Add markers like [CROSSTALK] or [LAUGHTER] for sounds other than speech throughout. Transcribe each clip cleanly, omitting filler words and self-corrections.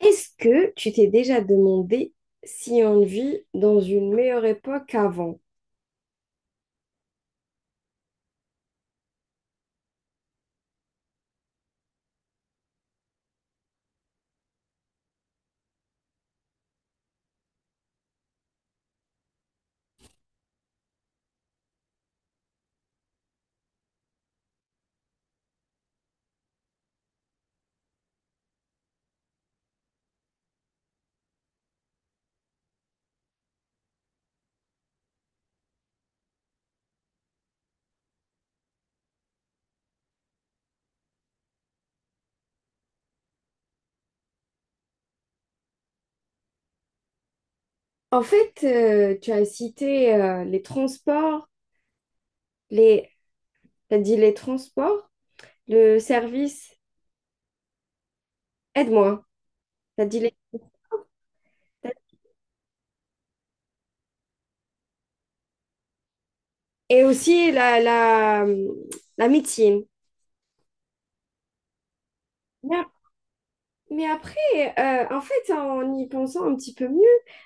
Est-ce que tu t'es déjà demandé si on vit dans une meilleure époque qu'avant? En fait, tu as cité les transports, les... t'as dit les transports, le service, aide-moi, t'as dit les... Et aussi la médecine. Mais, ap- mais après, en fait, en y pensant un petit peu mieux,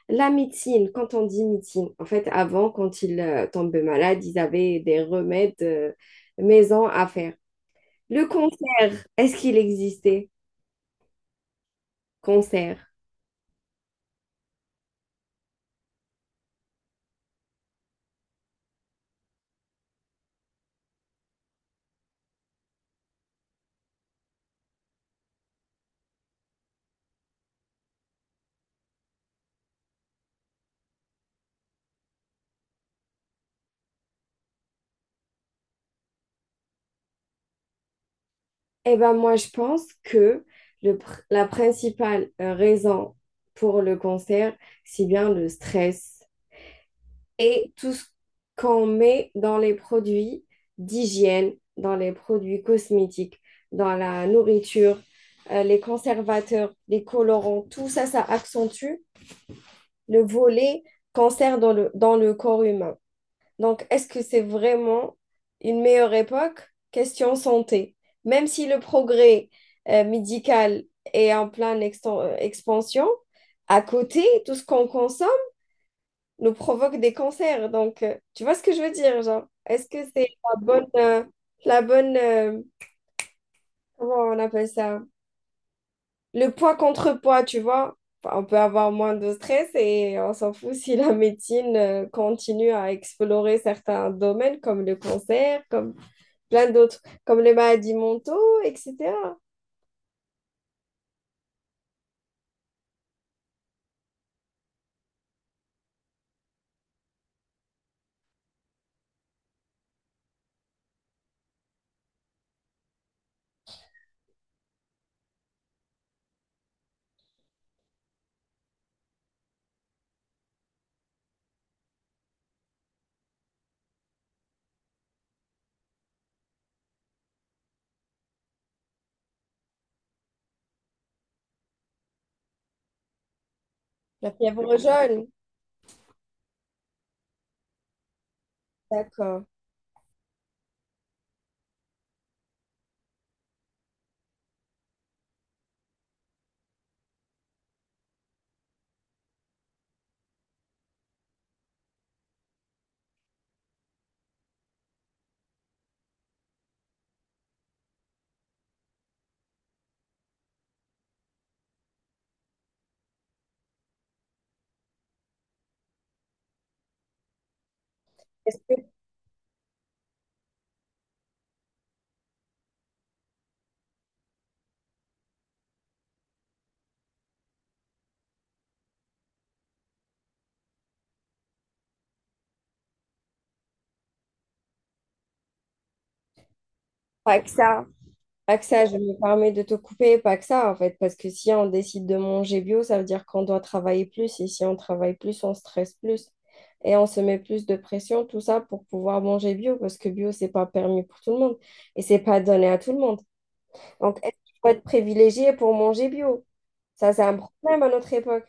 la médecine, quand on dit médecine, en fait, avant, quand ils tombaient malades, ils avaient des remèdes maison à faire. Le concert, est-ce qu'il existait? Concert. Eh ben moi, je pense que la principale raison pour le concert, c'est bien le stress et tout ce qu'on met dans les produits d'hygiène, dans les produits cosmétiques, dans la nourriture, les conservateurs, les colorants, tout ça, ça accentue le volet cancer dans le corps humain. Donc, est-ce que c'est vraiment une meilleure époque? Question santé. Même si le progrès médical est en pleine expansion, à côté, tout ce qu'on consomme nous provoque des cancers. Donc, tu vois ce que je veux dire, genre, est-ce que c'est la bonne, euh, la bonne, comment on appelle ça? Le poids contre poids, tu vois? Enfin, on peut avoir moins de stress et on s'en fout si la [LAUGHS] médecine continue à explorer certains domaines comme le cancer, comme plein d'autres, comme les maladies mentaux, etc. La fièvre jaune, d'accord. Est-ce que pas que ça, pas que ça, je me permets de te couper, pas que ça en fait, parce que si on décide de manger bio, ça veut dire qu'on doit travailler plus, et si on travaille plus, on stresse plus, et on se met plus de pression, tout ça pour pouvoir manger bio, parce que bio, c'est pas permis pour tout le monde, et c'est pas donné à tout le monde. Donc, est-ce qu'il faut être privilégié pour manger bio? Ça, c'est un problème à notre époque.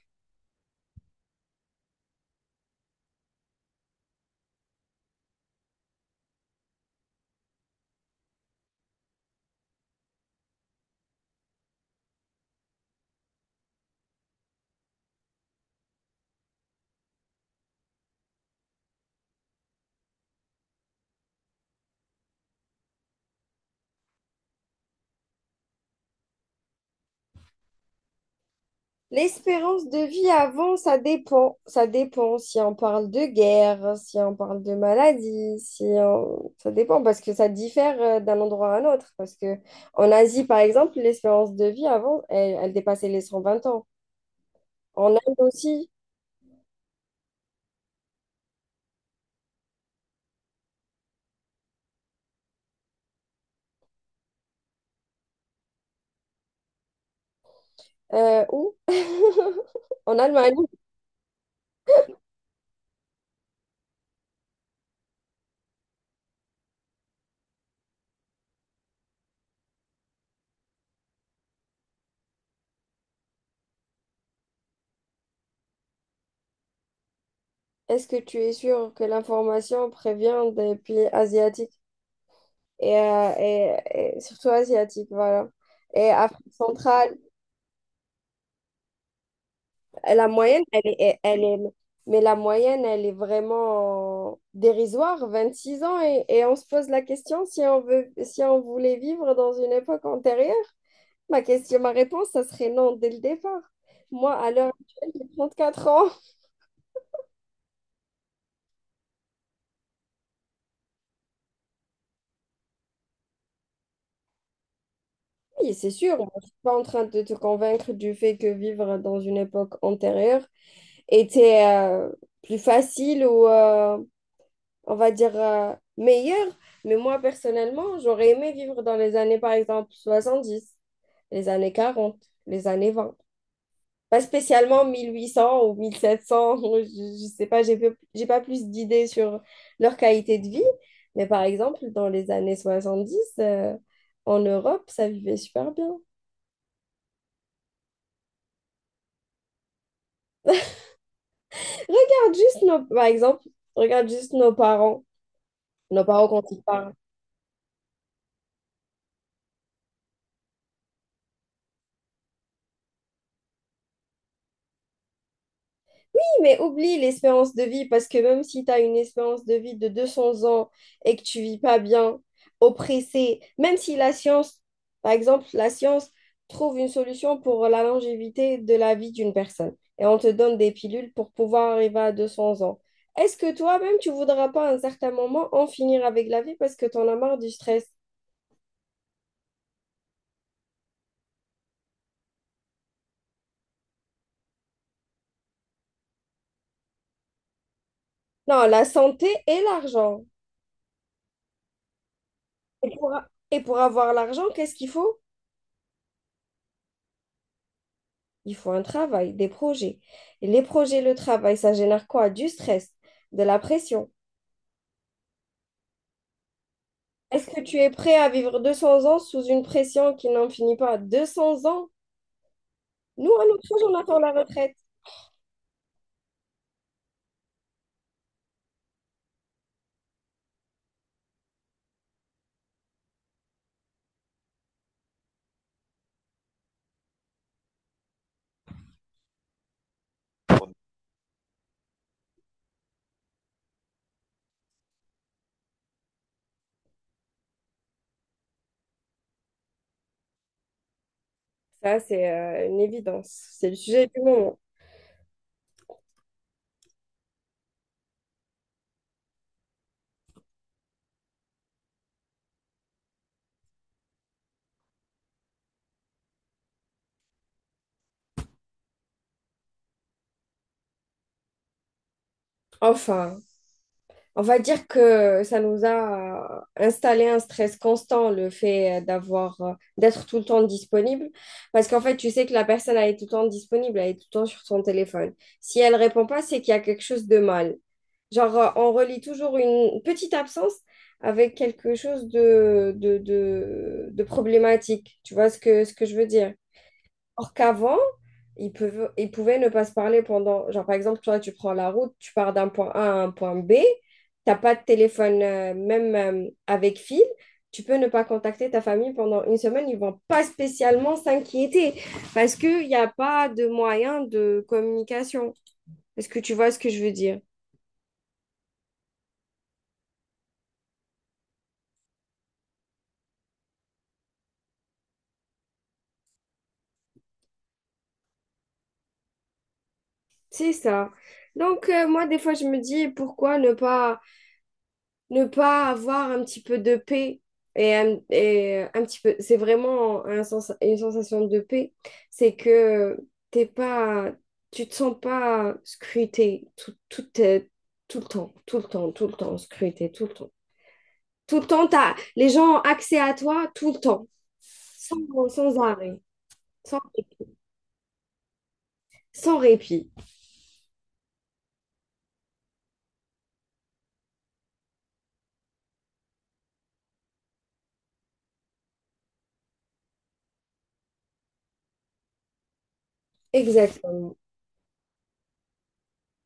L'espérance de vie avant, ça dépend. Ça dépend si on parle de guerre, si on parle de maladie, si on- ça dépend parce que ça diffère d'un endroit à un autre. Parce que en Asie, par exemple, l'espérance de vie avant, elle dépassait les cent vingt ans. En Inde aussi, où? [LAUGHS] En Allemagne. Est-ce que tu es sûr que l'information prévient des pays asiatiques et, euh, et- et surtout asiatiques, voilà. Et Afrique centrale, La moyenne, elle est, mais la moyenne, elle est vraiment dérisoire, 26 ans, et on se pose la question si on voulait vivre dans une époque antérieure. Ma question, ma réponse, ça serait non dès le départ. Moi, à l'heure actuelle, j'ai 34 ans. Oui, c'est sûr, moi, je ne suis pas en train de te convaincre du fait que vivre dans une époque antérieure était plus facile ou on va dire, meilleur. Mais moi, personnellement, j'aurais aimé vivre dans les années, par exemple, soixante dix, les années quarante, les années vingt. Pas spécialement 1800 ou 1700, [LAUGHS] je sais pas, j'ai pas plus d'idées sur leur qualité de vie. Mais par exemple, dans les années 70, en Europe, ça vivait super bien. Regarde juste nos, par exemple, regarde juste nos parents. Nos parents, quand ils parlent, mais oublie l'espérance de vie parce que même si tu as une espérance de vie de 200 ans et que tu vis pas bien, oppressé, même si la science trouve une solution pour la longévité de la vie d'une personne et on te donne des pilules pour pouvoir arriver à 200 ans. Est-ce que toi-même, tu voudras pas à un certain moment en finir avec la vie parce que tu en as marre du stress? Non, la santé et l'argent. Et pour, a- et pour avoir l'argent, qu'est-ce qu'il faut? Il faut un travail, des projets. Et les projets, le travail, ça génère quoi? Du stress, de la pression. Est-ce que tu es prêt à vivre 200 ans sous une pression qui n'en finit pas? 200 ans? Nous, à notre âge, on attend la retraite. Ça, c'est une évidence. C'est le sujet du moment. Enfin, on va dire que ça nous a installé un stress constant, le fait d'avoir, d'être tout le temps disponible. Parce qu'en fait, tu sais que la personne, elle est tout le temps disponible, elle est tout le temps sur son téléphone. Si elle répond pas, c'est qu'il y a quelque chose de mal. Genre, on relie toujours une petite absence avec quelque chose de problématique. Tu vois ce que je veux dire? Or qu'avant, ils peuvent, ils pouvaient ne pas se parler pendant... Genre, par exemple, toi, tu prends la route, tu pars d'un point A à un point B, t'as pas de téléphone, même avec fil, tu peux ne pas contacter ta famille pendant une semaine. Ils vont pas spécialement s'inquiéter parce qu'il n'y a pas de moyen de communication. Est-ce que tu vois ce que je veux dire? C'est ça. Donc, moi, des fois, je me dis pourquoi ne pas avoir un petit peu de paix et un petit peu. C'est vraiment une sensation de paix. C'est que t'es pas, tu te sens pas scruté tout le temps, tout le temps, tout le temps, scruté tout le temps. Tout le temps, t'as, les gens ont accès à toi tout le temps, sans arrêt, sans, sans répit. Exactement.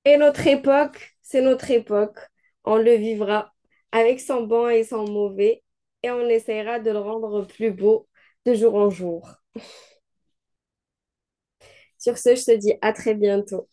Et notre époque, c'est notre époque. On le vivra avec son bon et son mauvais et on essaiera de le rendre plus beau de jour en jour. Sur ce, je te dis à très bientôt.